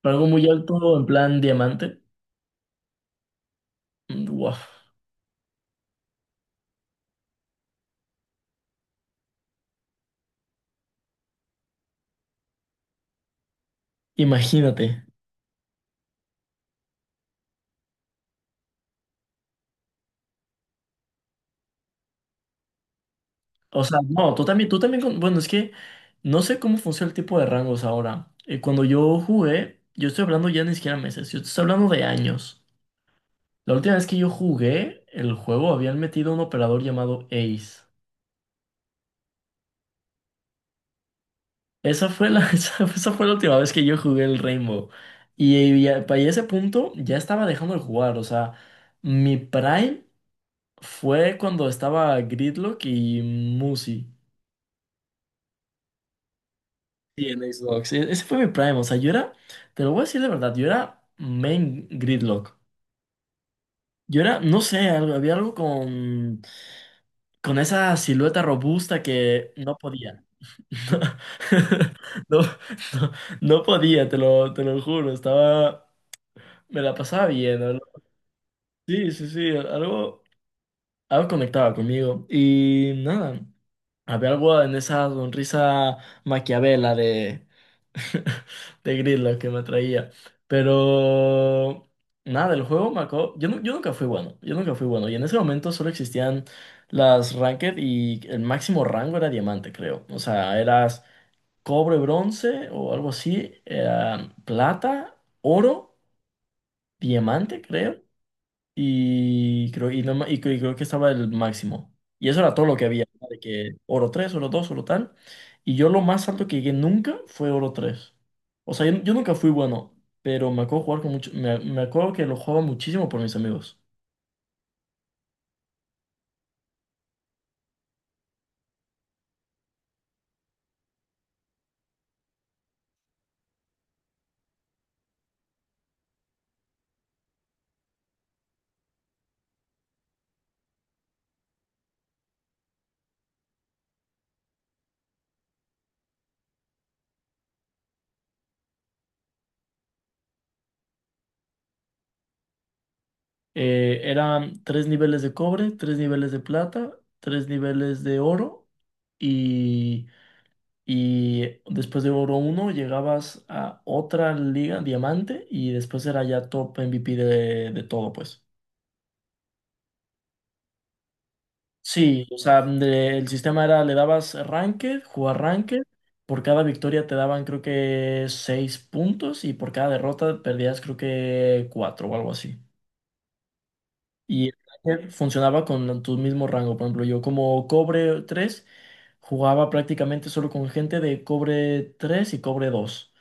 Pero algo muy alto, en plan diamante. Mm, wow. Imagínate. O sea, no, tú también, bueno, es que no sé cómo funciona el tipo de rangos ahora. Cuando yo jugué, yo estoy hablando ya ni siquiera meses, yo te estoy hablando de años. La última vez que yo jugué el juego habían metido un operador llamado Ace. Esa fue la, esa fue la última vez que yo jugué el Rainbow. Y, para ese punto ya estaba dejando de jugar, o sea, mi prime fue cuando estaba Gridlock y Musi. Sí, en Xbox. Ese fue mi prime. O sea, yo era, te lo voy a decir de verdad, yo era main gridlock. Yo era, no sé, había algo con, esa silueta robusta que no podía. No, no, no podía, te lo, juro. Estaba, me la pasaba bien, ¿no? Sí, sí, sí, algo conectaba conmigo. Y nada, había algo en esa sonrisa maquiavela de de Gridlock que me traía. Pero nada, el juego me acabó. Yo nunca fui bueno, yo nunca fui bueno. Y en ese momento solo existían las Ranked y el máximo rango era diamante, creo. O sea, eras cobre, bronce o algo así, era plata, oro, diamante, creo. Y creo, y, no ma- y creo que estaba el máximo. Y eso era todo lo que había, ¿no? De que oro tres, oro dos, oro tal. Y yo lo más alto que llegué nunca fue oro tres. O sea, yo nunca fui bueno, pero me acuerdo jugar con mucho, me acuerdo que lo jugaba muchísimo por mis amigos. Eran tres niveles de cobre, tres niveles de plata, tres niveles de oro y, y, después de oro uno llegabas a otra liga, diamante, y después era ya top MVP de todo, pues. Sí, o sea, el sistema era, le dabas ranked, jugar ranked, por cada victoria te daban creo que seis puntos y por cada derrota perdías creo que cuatro o algo así. Y el ranked funcionaba con tu mismo rango, por ejemplo, yo como cobre 3 jugaba prácticamente solo con gente de cobre 3 y cobre dos.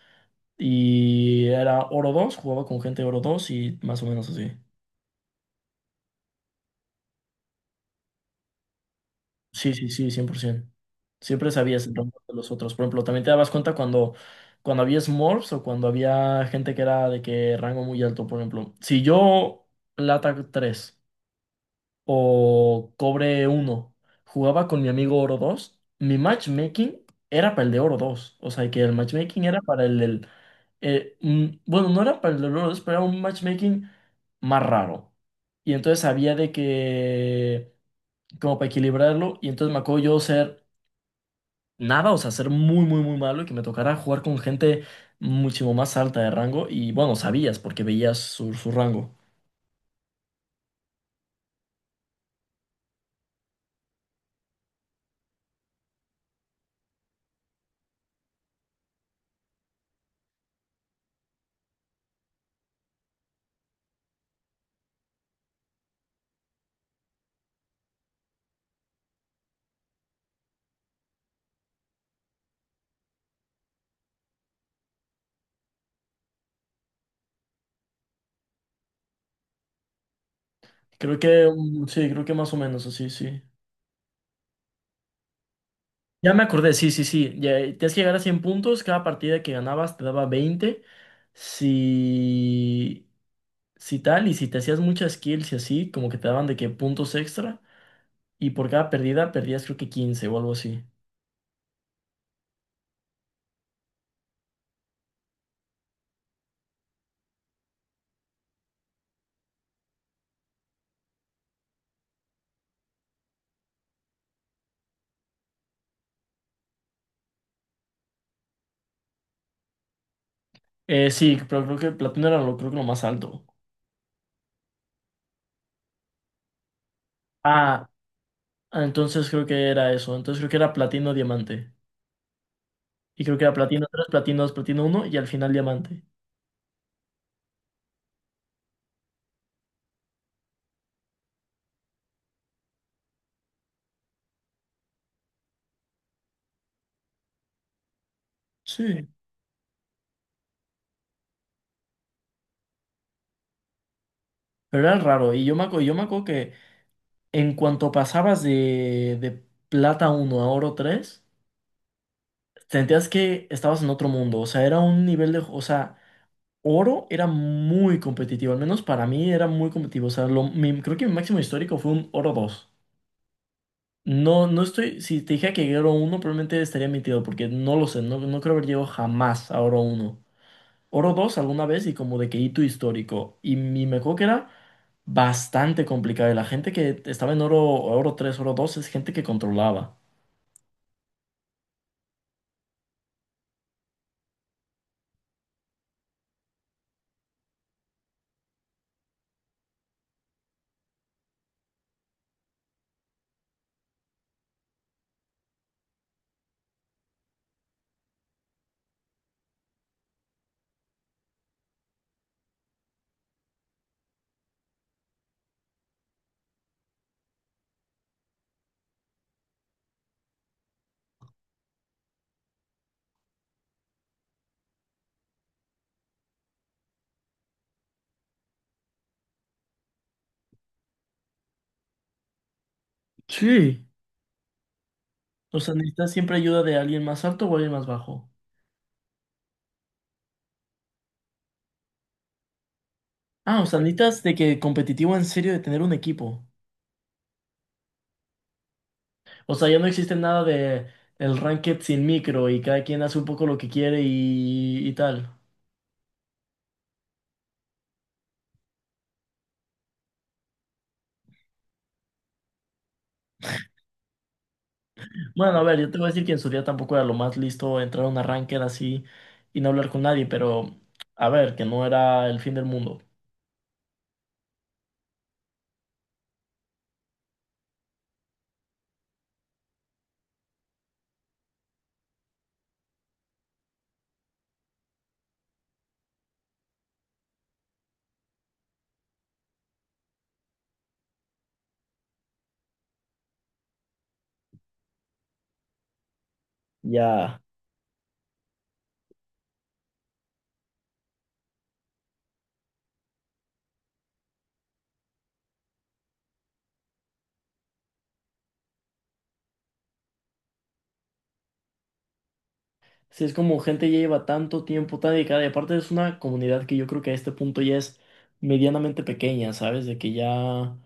Y era oro 2, jugaba con gente de oro 2 y más o menos así. Sí, sí, sí, 100%. Siempre sabías el rumbo de los otros. Por ejemplo, también te dabas cuenta cuando había smurfs o cuando había gente que era de que rango muy alto. Por ejemplo, si yo Lata 3 o Cobre uno jugaba con mi amigo Oro dos, mi matchmaking era para el de Oro dos. O sea, que el matchmaking era para el del... Bueno, no era para el de Oro dos, pero era un matchmaking más raro. Y entonces había de que, como para equilibrarlo, y entonces me acuerdo yo ser nada, o sea, ser muy, muy, muy malo y que me tocara jugar con gente muchísimo más alta de rango y bueno, sabías porque veías su rango. Creo que, mm, sí, creo que más o menos así, sí. Ya me acordé, sí, sí, sí. Ya, tienes que llegar a 100 puntos, cada partida que ganabas te daba 20. Si, si tal, y si te hacías muchas kills y así, como que te daban de que puntos extra. Y por cada pérdida perdías creo que 15 o algo así. Sí, pero creo que Platón era lo, creo que lo más alto. Ah, Ah, Entonces creo que era eso. Entonces creo que era platino, diamante. Y creo que era platino tres, platino dos, platino uno y al final diamante. Sí. Pero era raro. Y yo me acuerdo que en cuanto pasabas de, plata uno a oro 3 sentías que estabas en otro mundo. O sea, era un nivel de. O sea, oro era muy competitivo. Al menos para mí era muy competitivo. O sea, creo que mi máximo histórico fue un oro dos. No, no estoy. Si te dije que oro uno probablemente estaría mintiendo porque no lo sé. No, no creo haber llegado jamás a oro uno. Oro 2 alguna vez y como de que hito histórico. Y mi me acuerdo que era bastante complicado. Y la gente que estaba en oro, oro tres, oro 2 es gente que controlaba. Sí. O sea, necesitas siempre ayuda de alguien más alto o alguien más bajo. Ah, o sea, necesitas de que competitivo en serio de tener un equipo. O sea, ya no existe nada de el ranked sin micro y cada quien hace un poco lo que quiere y, tal. Bueno, a ver, yo te voy a decir que en su día tampoco era lo más listo entrar a una ranked así y no hablar con nadie, pero a ver, que no era el fin del mundo. Ya, si es como gente ya lleva tanto tiempo tan dedicada, y aparte es una comunidad que yo creo que a este punto ya es medianamente pequeña, ¿sabes? De que ya,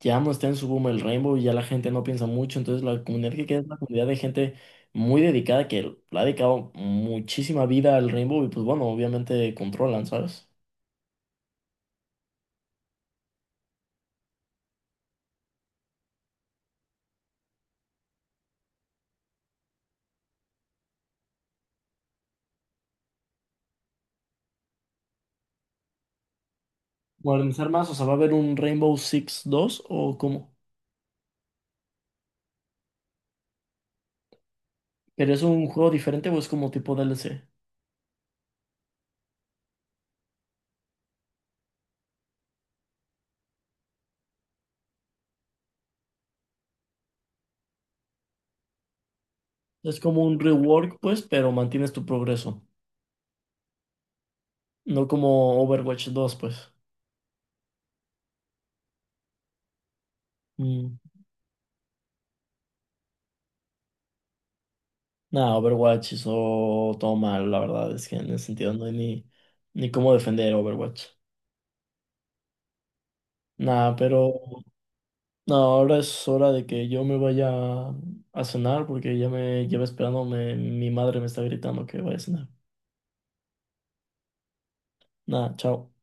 ya no está en su boom el Rainbow y ya la gente no piensa mucho, entonces la comunidad que queda es una comunidad de gente muy dedicada que le ha dedicado muchísima vida al Rainbow y pues bueno, obviamente controlan, ¿sabes? Modernizar más, o sea, ¿va a haber un Rainbow Six 2 o cómo? ¿Pero es un juego diferente o es como tipo DLC? Es como un rework, pues, pero mantienes tu progreso. No como Overwatch 2, pues. Mm. Nada, Overwatch hizo todo mal, la verdad, es que en ese sentido no hay ni, cómo defender Overwatch. Nada, pero no, ahora es hora de que yo me vaya a cenar porque ya me lleva esperando, mi madre me está gritando que vaya a cenar. Nada, chao.